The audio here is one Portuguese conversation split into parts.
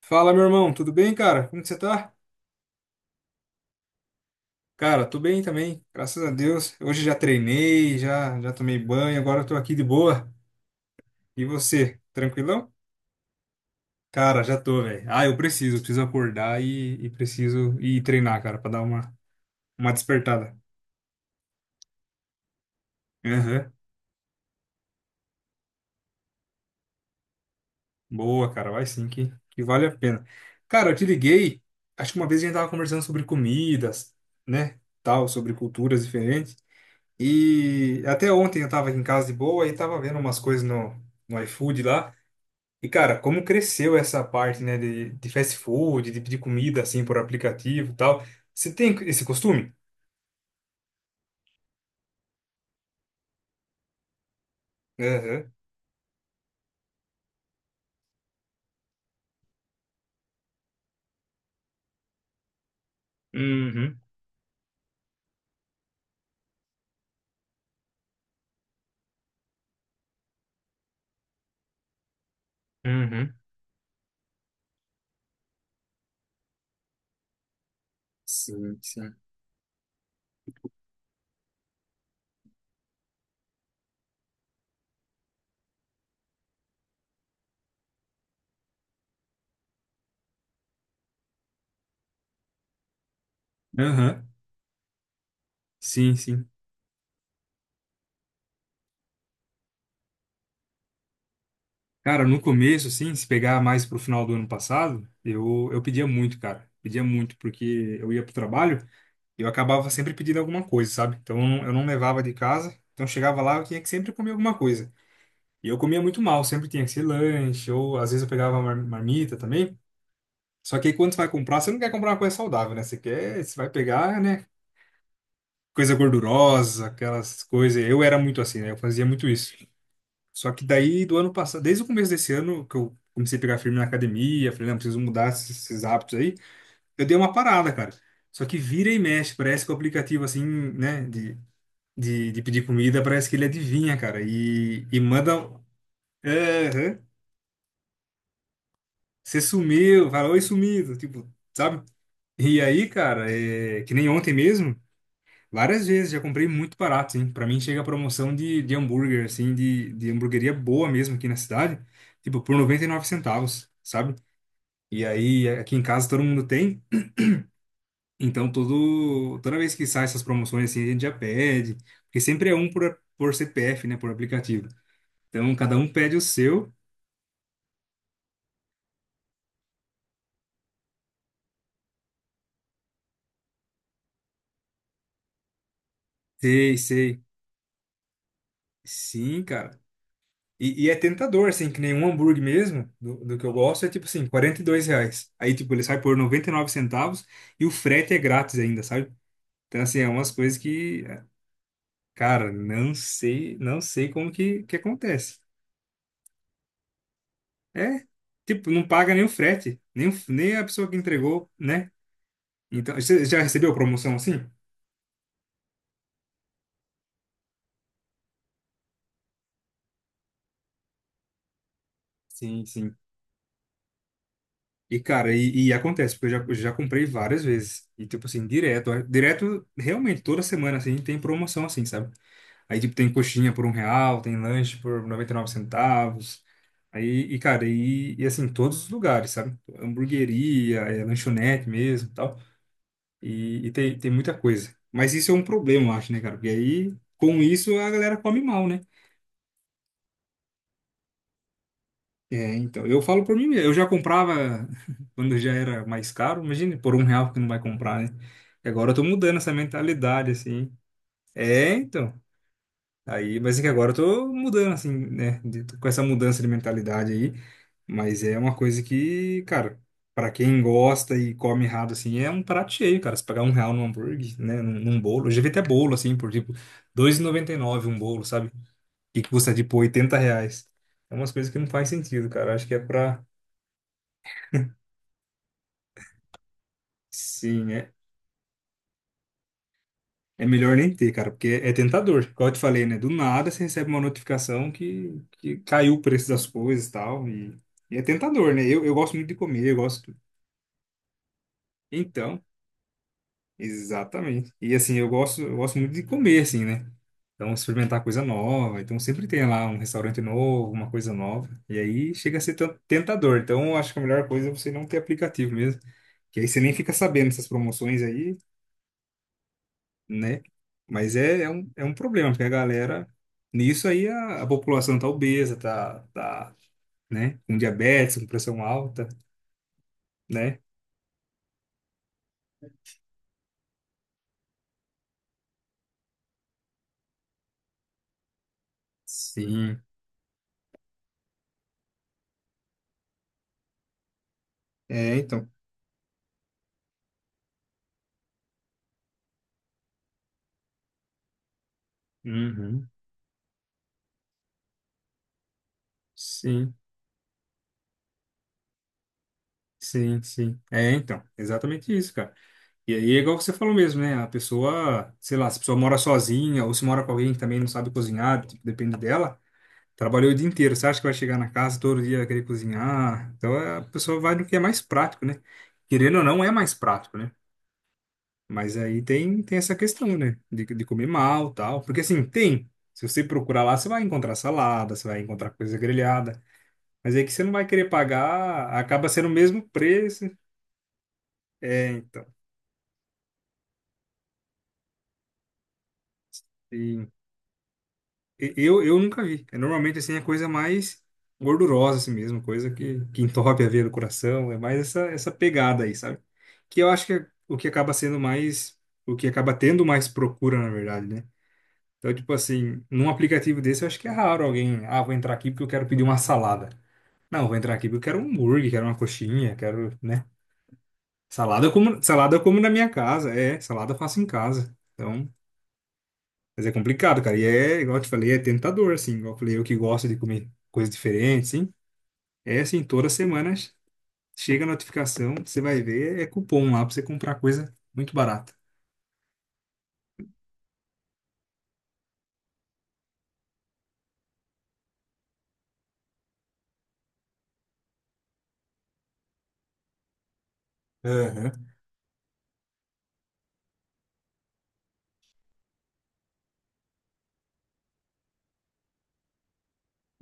Fala, meu irmão, tudo bem, cara? Como que você tá? Cara, tô bem também, graças a Deus. Hoje já treinei, já tomei banho, agora eu tô aqui de boa. E você, tranquilão? Cara, já tô, velho. Ah, eu preciso acordar e preciso ir treinar, cara, pra dar uma despertada. Aham. Boa, cara, vai sim que vale a pena. Cara, eu te liguei, acho que uma vez a gente tava conversando sobre comidas, né? Tal, sobre culturas diferentes. E até ontem eu tava aqui em casa de boa e tava vendo umas coisas no iFood lá. E, cara, como cresceu essa parte, né, de fast food, de pedir comida, assim, por aplicativo e tal. Você tem esse costume? Aham. Uhum. Uhum. Sim, sim. Aham. Sim, sim. Cara, no começo, assim, se pegar mais pro final do ano passado, eu pedia muito, cara. Pedia muito, porque eu ia pro trabalho. Eu acabava sempre pedindo alguma coisa, sabe? Então eu não levava de casa, então chegava lá eu tinha que sempre comer alguma coisa. E eu comia muito mal, sempre tinha que ser lanche, ou às vezes eu pegava marmita também. Só que aí quando você vai comprar, você não quer comprar uma coisa saudável, né? Você quer, você vai pegar, né? Coisa gordurosa, aquelas coisas. Eu era muito assim, né? Eu fazia muito isso. Só que daí do ano passado, desde o começo desse ano, que eu comecei a pegar firme na academia, falei, não, preciso mudar esses hábitos aí. Eu dei uma parada, cara. Só que vira e mexe, parece que o aplicativo, assim, né, de pedir comida, parece que ele adivinha, cara, e manda. Um, aham, você sumiu, fala, oi, sumido, tipo, sabe? E aí, cara, é, que nem ontem mesmo, várias vezes já comprei muito barato, hein? Pra mim chega a promoção de hambúrguer, assim, de hamburgueria boa mesmo aqui na cidade, tipo, por R$ 0,99, sabe? E aí, aqui em casa todo mundo tem, então todo, toda vez que sai essas promoções, assim, a gente já pede, porque sempre é um por CPF, né, por aplicativo. Então, cada um pede o seu. Sei, sei. Sim, cara. E é tentador, assim, que nem um hambúrguer mesmo, do que eu gosto, é tipo assim, R$ 42. Aí, tipo, ele sai por R$ 0,99 e o frete é grátis ainda, sabe? Então, assim, é umas coisas que, é, cara, não sei, não sei como que acontece. É, tipo, não paga nem o frete, nem, nem a pessoa que entregou, né? Então, você já recebeu promoção assim? Sim, sim. E, cara, e acontece, porque eu eu já comprei várias vezes. E, tipo assim, direto. Direto, realmente, toda semana, assim, tem promoção, assim, sabe? Aí, tipo, tem coxinha por R$ 1, tem lanche por R$ 0,99. Aí, e, cara, e assim, todos os lugares, sabe? Hamburgueria, é, lanchonete mesmo e tal. E, tem muita coisa. Mas isso é um problema, eu acho, né, cara? Porque aí, com isso, a galera come mal, né? É, então, eu falo por mim mesmo. Eu já comprava quando já era mais caro. Imagine por R$ 1 que não vai comprar, né? E agora eu tô mudando essa mentalidade, assim. É, então. Aí, mas é que agora eu tô mudando, assim, né? Tô com essa mudança de mentalidade aí. Mas é uma coisa que, cara, pra quem gosta e come errado, assim, é um prato cheio, cara. Se pagar R$ 1 num hambúrguer, né? Num, num bolo. Eu já vi até bolo, assim, por tipo, 2,99 um bolo, sabe? E que custa tipo R$ 80. É umas coisas que não faz sentido, cara. Acho que é pra. Sim, é, é melhor nem ter, cara, porque é tentador. Igual eu te falei, né? Do nada você recebe uma notificação que caiu o preço das coisas e tal, e é tentador, né? Eu gosto muito de comer, eu gosto. Então, exatamente. E assim, eu gosto muito de comer, assim, né? Então, experimentar coisa nova. Então, sempre tem lá um restaurante novo, uma coisa nova. E aí chega a ser tentador. Então, eu acho que a melhor coisa é você não ter aplicativo mesmo. Que aí você nem fica sabendo essas promoções aí. Né? Mas é, é um problema, porque a galera, nisso aí a população tá obesa, tá, tá, né? Com diabetes, com pressão alta, né? Sim, é, então. Uhum. Sim, sim, sim. É, então, exatamente isso, cara. E aí é igual você falou mesmo, né? A pessoa, sei lá, se a pessoa mora sozinha ou se mora com alguém que também não sabe cozinhar, tipo, depende dela, trabalhou o dia inteiro, você acha que vai chegar na casa todo dia vai querer cozinhar? Então é, a pessoa vai no que é mais prático, né? Querendo ou não, é mais prático, né? Mas aí tem essa questão, né? De comer mal, tal. Porque assim, tem. Se você procurar lá, você vai encontrar salada, você vai encontrar coisa grelhada. Mas aí que você não vai querer pagar, acaba sendo o mesmo preço. É, então. E, eu nunca vi. É, normalmente, assim, é coisa mais gordurosa, assim mesmo. Coisa que entope a veia do coração. É mais essa, essa pegada aí, sabe? Que eu acho que é o que acaba sendo mais... O que acaba tendo mais procura, na verdade, né? Então, tipo assim, num aplicativo desse, eu acho que é raro alguém, ah, vou entrar aqui porque eu quero pedir uma salada. Não, vou entrar aqui porque eu quero um hambúrguer, quero uma coxinha, quero, né? Salada eu como na minha casa, é, salada eu faço em casa. Então, mas é complicado, cara. E é, igual eu te falei, é tentador, assim, igual eu falei, eu que gosto de comer coisas diferentes, sim. É assim, todas as semanas chega a notificação, você vai ver, é cupom lá pra você comprar coisa muito barata. Aham.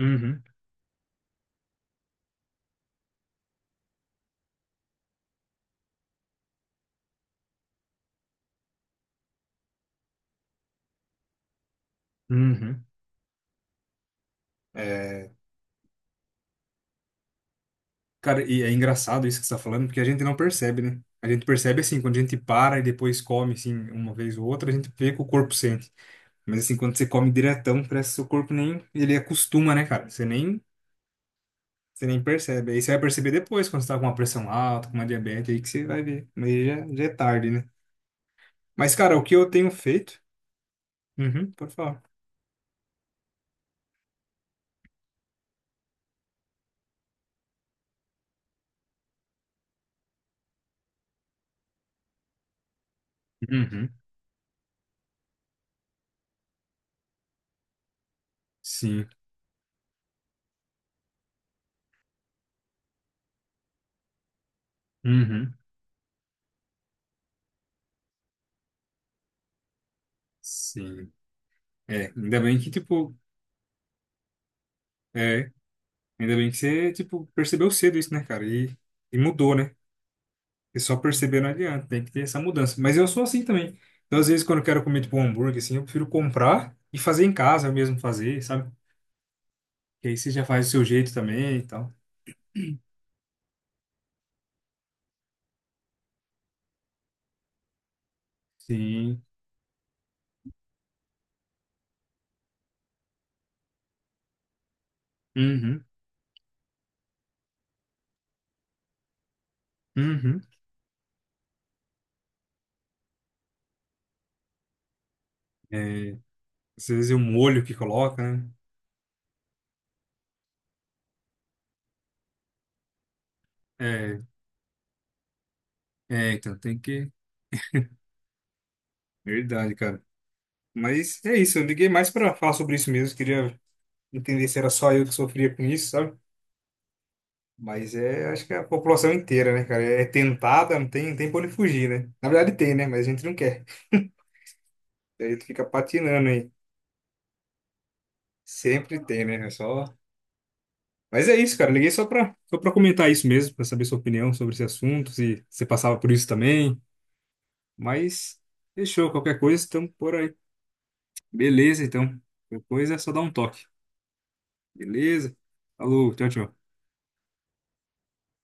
Uhum, uhum. É, cara, e é engraçado isso que você tá falando, porque a gente não percebe, né? A gente percebe assim, quando a gente para e depois come, assim, uma vez ou outra, a gente vê que o corpo sente. Mas assim, quando você come diretão, parece que seu corpo nem, ele acostuma, né, cara? Você nem percebe. Aí você vai perceber depois, quando você tá com uma pressão alta, com uma diabetes, aí que você vai ver. Mas aí já, já é tarde, né? Mas, cara, o que eu tenho feito... Uhum, pode falar. Uhum, sim. Uhum, sim. É, ainda bem que, tipo, é, ainda bem que você, tipo, percebeu cedo isso, né, cara? E mudou, né? E só perceber não adianta, tem que ter essa mudança. Mas eu sou assim também. Então, às vezes, quando eu quero comer tipo um hambúrguer, assim, eu prefiro comprar e fazer em casa, eu mesmo fazer, sabe? Que aí você já faz do seu jeito também e tal. Sim. Uhum. Uhum. É, às vezes é o molho que coloca, né? É, então tem que. Verdade, cara. Mas é isso, eu liguei mais pra falar sobre isso mesmo. Queria entender se era só eu que sofria com isso, sabe? Mas é, acho que é a população inteira, né, cara? É tentada, não tem pra onde fugir, né? Na verdade tem, né? Mas a gente não quer. Daí tu fica patinando aí. Sempre tem, né? É só... Mas é isso, cara. Liguei só pra comentar isso mesmo, pra saber sua opinião sobre esse assunto, se você passava por isso também. Mas fechou, qualquer coisa, estamos por aí. Beleza, então. Qualquer coisa é só dar um toque. Beleza? Falou, tchau, tchau.